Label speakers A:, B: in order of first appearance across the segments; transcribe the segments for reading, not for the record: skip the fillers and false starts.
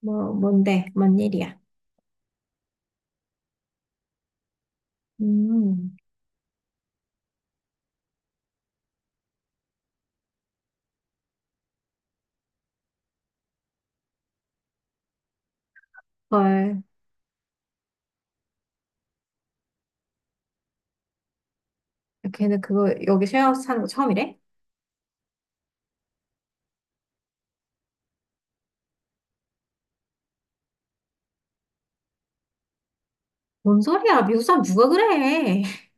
A: 뭐, 뭔데? 뭔 일이야? 음. 헐. 걔는 그거, 여기 쉐어하우스 사는 거 처음이래? 뭔 소리야? 미국 사람 누가 그래?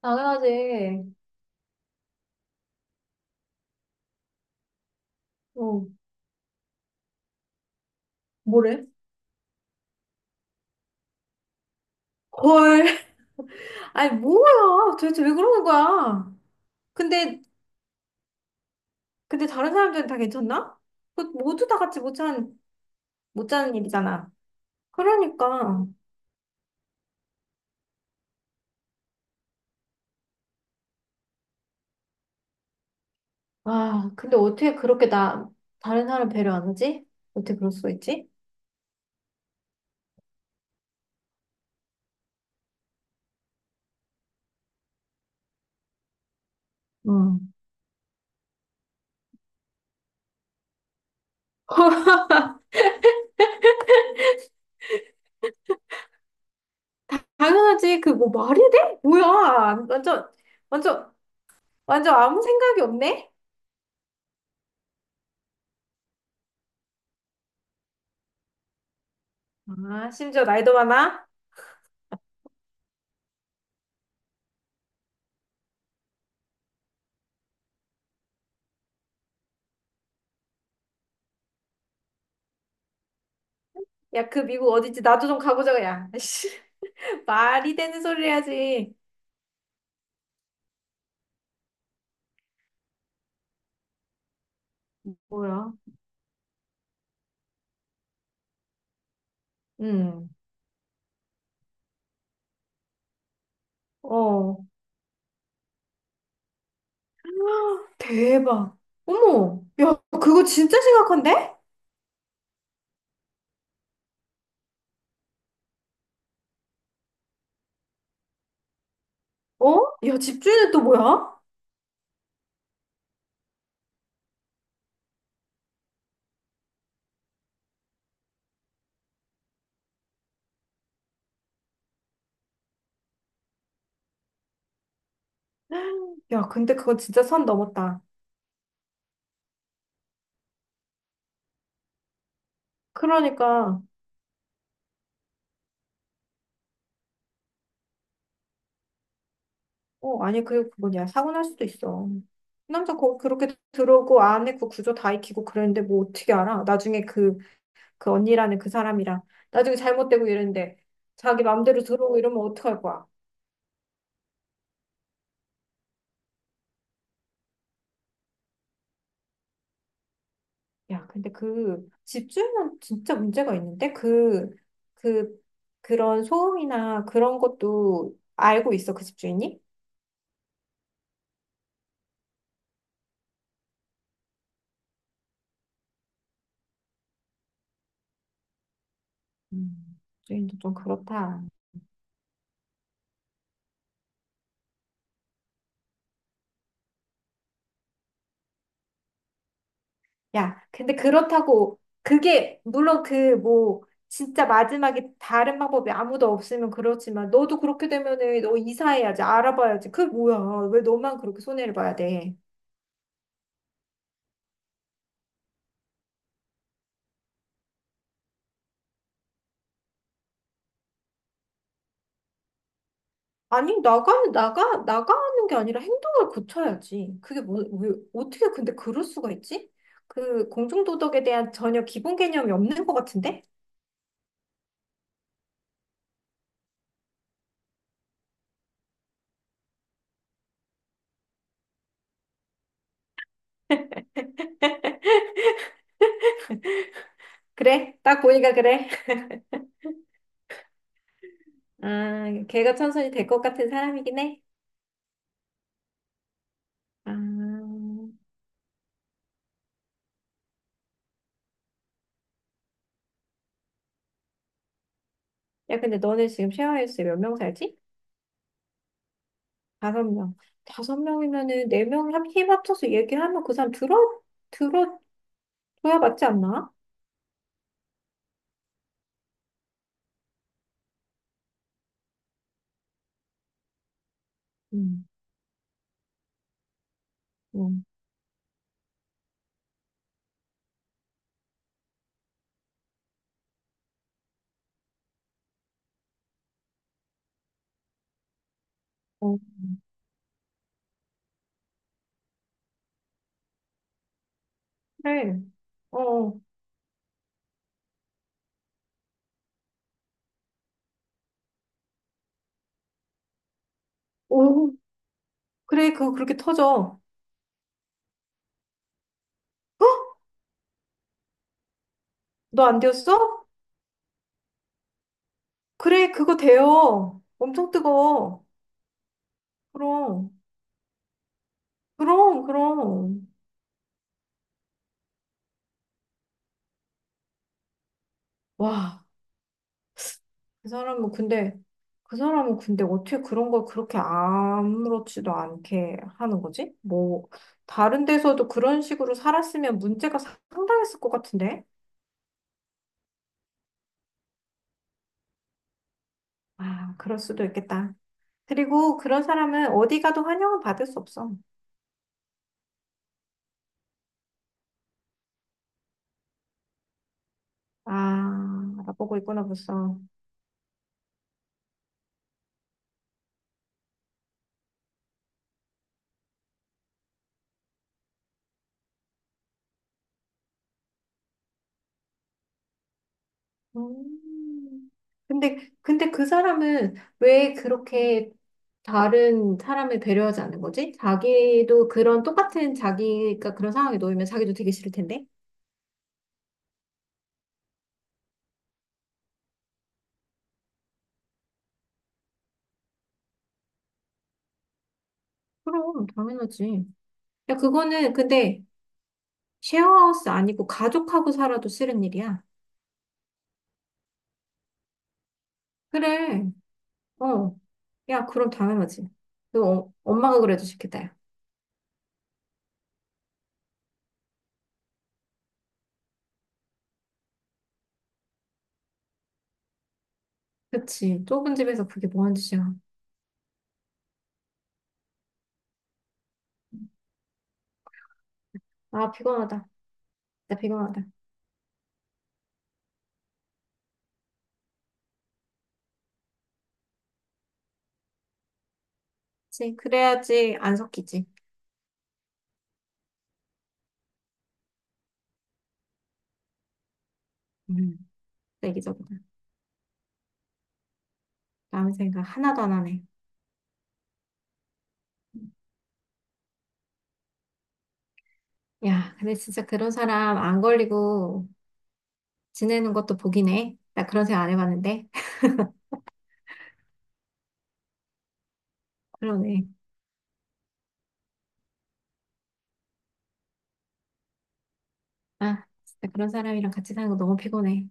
A: 당연하지. 어, 뭐래? 헐. 아니, 뭐야? 도대체 왜 그러는 거야? 근데, 근데 다른 사람들은 다 괜찮나? 그 모두 다 같이 못 자는, 못 자는 일이잖아. 그러니까. 아, 근데 어떻게 그렇게 나, 다른 사람 배려 안 하지? 어떻게 그럴 수가 있지? 응. 당연하지. 그 뭐 말이 돼? 뭐야. 완전, 완전, 완전 아무 생각이 없네? 아, 심지어 나이도 많아? 야, 그 미국 어디지? 나도 좀 가보자고, 야. 씨, 말이 되는 소리 해야지. 뭐야? 음, 어. 대박. 어머, 야, 그거 진짜 심각한데? 어? 야, 집주인은 또 뭐야? 야, 근데 그건 진짜 선 넘었다. 그러니까. 어, 아니, 그리고 그 뭐냐, 사고 날 수도 있어. 남자 거 그렇게 들어오고 안에 그 구조 다 익히고 그랬는데 뭐 어떻게 알아? 나중에 그, 그 언니라는 그 사람이랑 나중에 잘못되고 이랬는데 자기 맘대로 들어오고 이러면 어떡할 거야? 야, 근데 그 집주인은 진짜 문제가 있는데 그, 그런 소음이나 그런 것도 알고 있어, 그 집주인이? 음, 집주인도 좀 그렇다. 야, 근데 그렇다고 그게 물론 그 뭐 진짜 마지막에 다른 방법이 아무도 없으면 그렇지만 너도 그렇게 되면은 너 이사해야지 알아봐야지. 그게 뭐야. 왜 너만 그렇게 손해를 봐야 돼? 아니 나가는 게 아니라 행동을 고쳐야지. 그게 뭐, 왜, 어떻게 근데 그럴 수가 있지? 그 공중도덕에 대한 전혀 기본 개념이 없는 것 같은데? 그래, 딱 보니까 그래. 아, 걔가 천선이 될 것 같은 사람이긴 해. 아... 야, 근데 너네 지금 쉐어하우스 몇 명 살지? 다섯 명. 다섯 명이면은 네 명 힘 합쳐서 얘기하면 그 사람 들어, 들어줘야 맞지 않나? 응. 응. 어, 그래. 어, 어. 오, 그래, 그거 그렇게 터져. 어? 너 안 되었어? 그래, 그거 돼요. 엄청 뜨거워. 그럼, 그럼, 그럼. 와. 그 사람은 근데 그 사람은 근데 어떻게 그런 걸 그렇게 아무렇지도 않게 하는 거지? 뭐 다른 데서도 그런 식으로 살았으면 문제가 상당했을 것 같은데? 아, 그럴 수도 있겠다. 그리고 그런 사람은 어디 가도 환영은 받을 수 없어. 아, 알아보고 있구나 벌써. 음. 근데 그 사람은 왜 그렇게 다른 사람을 배려하지 않는 거지? 자기도 그런 똑같은 자기가 그런 상황에 놓이면 자기도 되게 싫을 텐데? 그럼, 당연하지. 야, 그거는 근데 쉐어하우스 아니고 가족하고 살아도 싫은 일이야. 그래, 어. 야, 그럼 당연하지. 너 엄마가 그래도 싫겠다, 야. 그치. 좁은 집에서 그게 뭐 하는 짓이야. 아, 피곤하다. 나 피곤하다. 그치. 그래야지 안 섞이지. 음, 내 기적이다. 남의 생각 하나도 안 하네. 야, 근데 진짜 그런 사람 안 걸리고 지내는 것도 복이네. 나 그런 생각 안 해봤는데. 그러네. 아, 진짜 그런 사람이랑 같이 사는 거 너무 피곤해.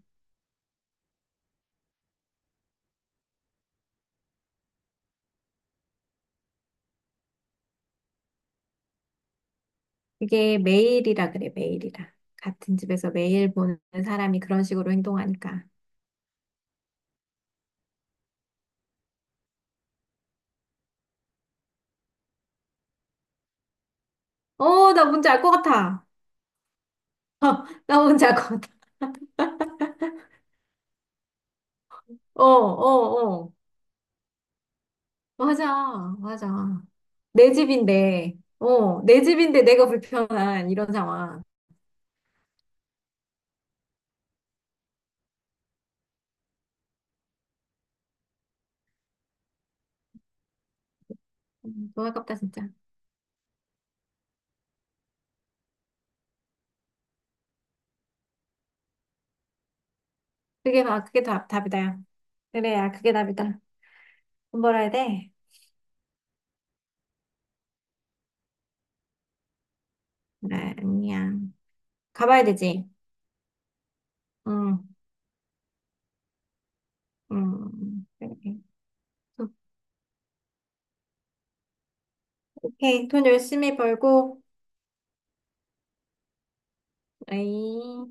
A: 이게 매일이라 그래, 매일이라. 같은 집에서 매일 보는 사람이 그런 식으로 행동하니까. 어, 나 뭔지 알 것 같아. 나 뭔지 알 것 같아. 어, 어, 어. 맞아, 맞아. 내 집인데, 어, 내 집인데 내가 불편한 이런 상황. 너무 아깝다, 진짜. 그게, 그게 다, 답이다. 야. 그래, 야, 그게 답이다. 돈 벌어야 돼. 아니야. 가봐야 되지. 응, 응. 그래. 오케이. 돈 열심히 벌고, 에이.